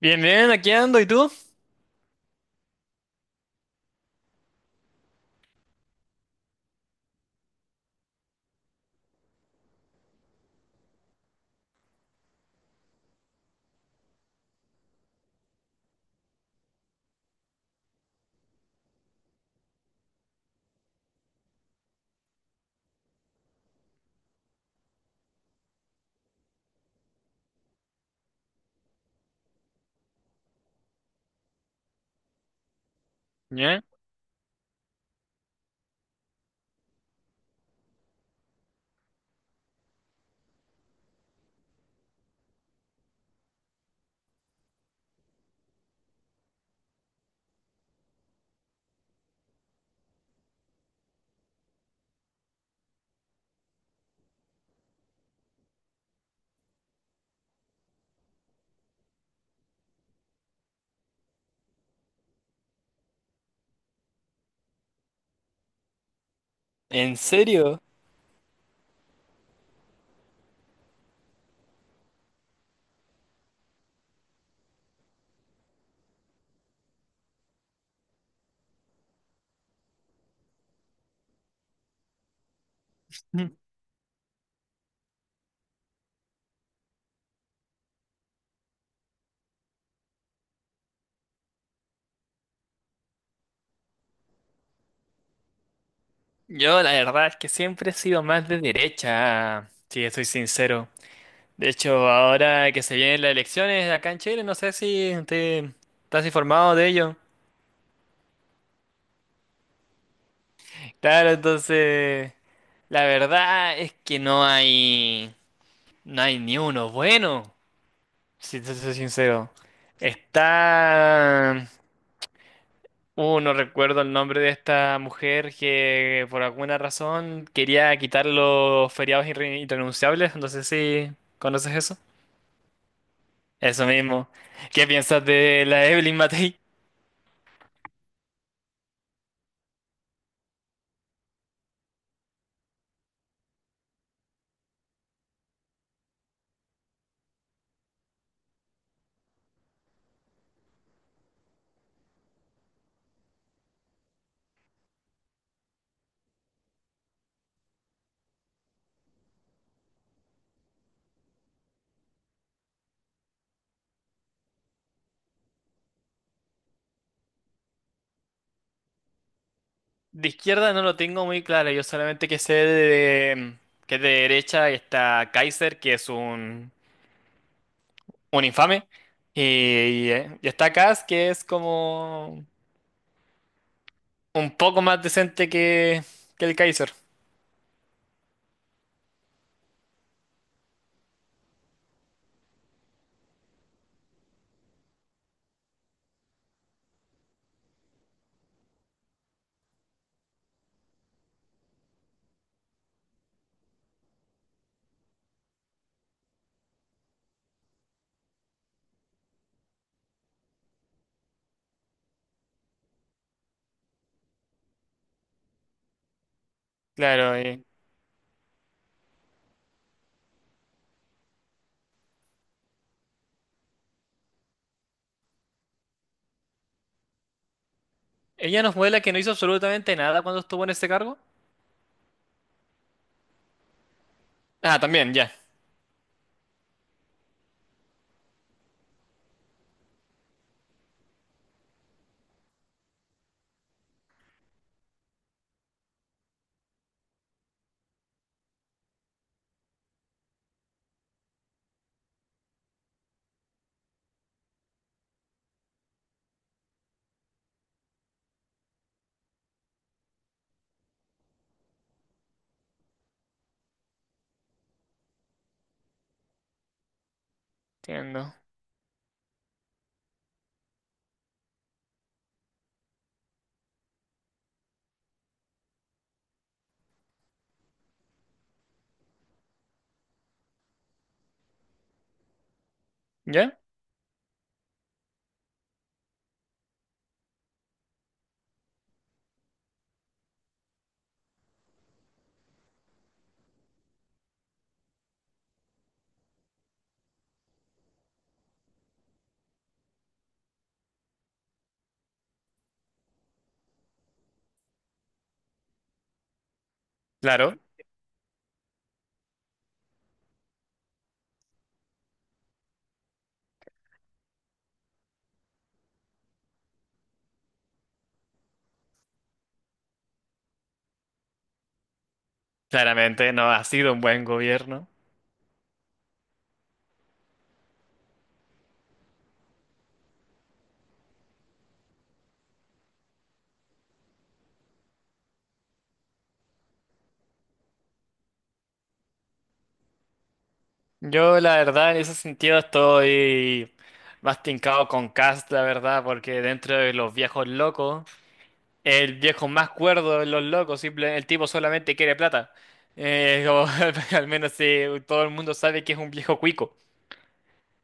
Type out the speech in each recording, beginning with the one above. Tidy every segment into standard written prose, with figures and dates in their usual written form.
Bien, bien, aquí ando, ¿y tú? ¿Ya? ¿En serio? Mm. Yo la verdad es que siempre he sido más de derecha, si estoy sincero. De hecho, ahora que se vienen las elecciones acá en Chile, no sé si te estás informado de ello. Claro, entonces, la verdad es que no hay ni uno bueno, si te soy sincero. Está No recuerdo el nombre de esta mujer que por alguna razón quería quitar los feriados irrenunciables. No sé si conoces eso. Eso mismo. ¿Qué piensas de la Evelyn Matei? De izquierda no lo tengo muy claro. Yo solamente que sé de, que es de derecha y está Kaiser, un infame. Y está Kass, que es como un poco más decente que el Kaiser. Claro, y- Ella nos muestra que no hizo absolutamente nada cuando estuvo en este cargo. Ah, también, ya. Entiendo. ¿Ya? Claro, claramente no ha sido un buen gobierno. Yo, la verdad, en ese sentido estoy más tincado con Cast, la verdad, porque dentro de los viejos locos, el viejo más cuerdo de los locos, simple, el tipo solamente quiere plata. Eh, como, al menos sí, todo el mundo sabe que es un viejo cuico.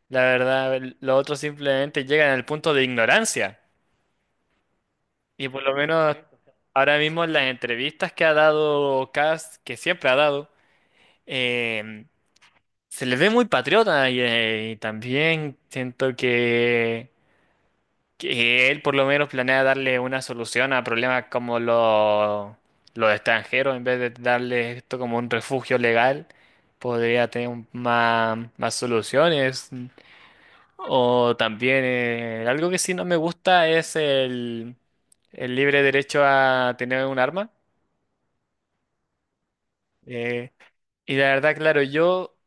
La verdad, los otros simplemente llegan al punto de ignorancia. Y por lo menos ahora mismo en las entrevistas que ha dado Cast, que siempre ha dado, eh, se le ve muy patriota y también siento que él por lo menos planea darle una solución a problemas como los extranjeros, en vez de darle esto como un refugio legal, más, más soluciones. O también algo que sí no me gusta es el libre derecho a tener un arma. Eh, y la verdad, claro, yo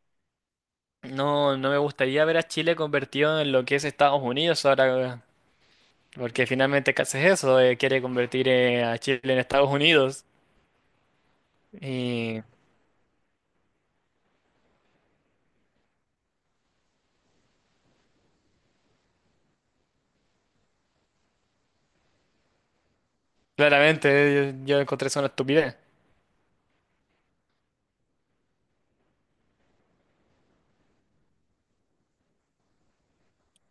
no, no me gustaría ver a Chile convertido en lo que es Estados Unidos ahora, porque finalmente casi es eso, quiere convertir a Chile en Estados Unidos. Y claramente yo encontré eso una estupidez.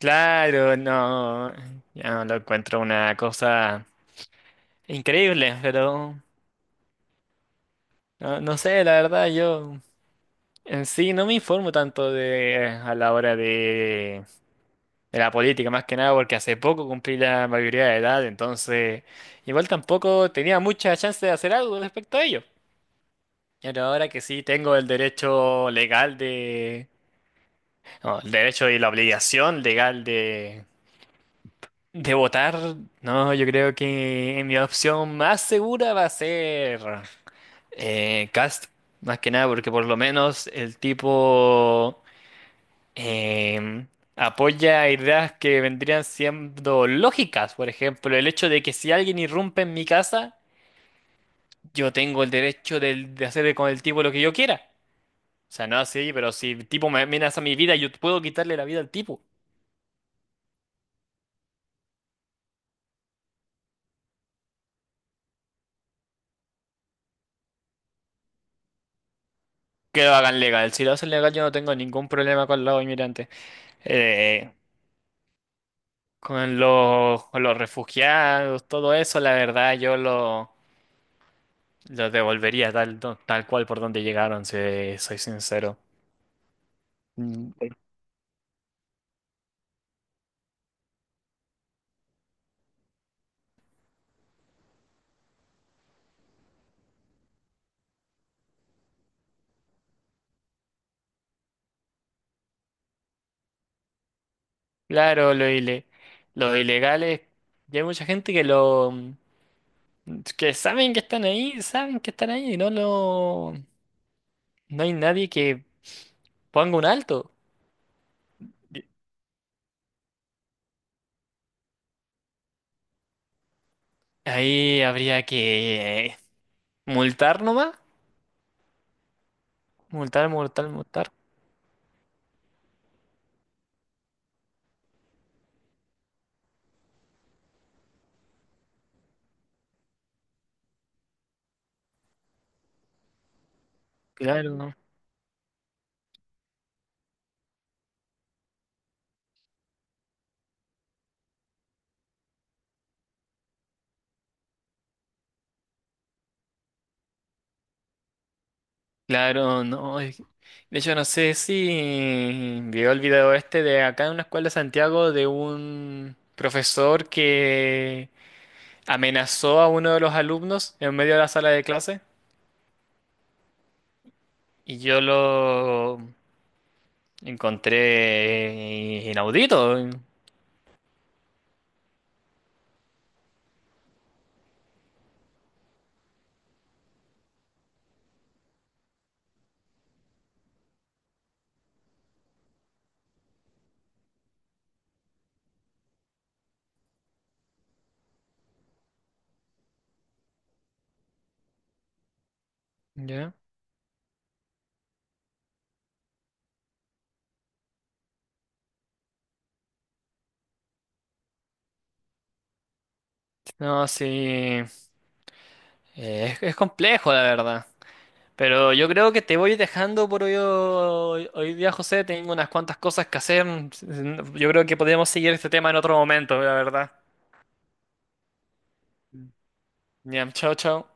Claro, no, ya lo encuentro una cosa increíble, pero no, no sé, la verdad, yo en sí no me informo tanto de a la hora de la política, más que nada porque hace poco cumplí la mayoría de edad, entonces igual tampoco tenía mucha chance de hacer algo respecto a ello. Pero ahora que sí tengo el derecho legal de... no, el derecho y la obligación legal de votar, no, yo creo que mi opción más segura va a ser Cast, más que nada porque por lo menos el tipo... em, apoya ideas que vendrían siendo lógicas, por ejemplo, el hecho de que si alguien irrumpe en mi casa, yo tengo el derecho del- de, hacer con el tipo lo que yo quiera. O sea, no así, pero si el tipo me amenaza mi vida, yo puedo quitarle la vida al tipo. Que lo hagan legal. Si lo hacen legal, yo no tengo ningún problema con los inmigrantes. Eh, con los, con los refugiados, todo eso, la verdad, lo devolvería tal, tal cual por donde llegaron, si soy sincero. Mm. Claro, lo, ile- lo ilegal es, ya hay mucha gente que saben que están ahí, saben que están ahí no hay nadie que ponga un alto. Ahí habría que multar nomás, multar, multar, multar. Claro, no. Claro, no. es- De hecho, no sé si vio el video este de acá en una escuela de Santiago de un profesor que amenazó a uno de los alumnos en medio de la sala de clase. Y yo lo encontré inaudito. ¿Ya? No, sí. Es complejo, la verdad. Pero yo creo que te voy dejando por hoy día, José. Tengo unas cuantas cosas que hacer. Yo creo que podríamos seguir este tema en otro momento, la verdad. Ya, chao, chao.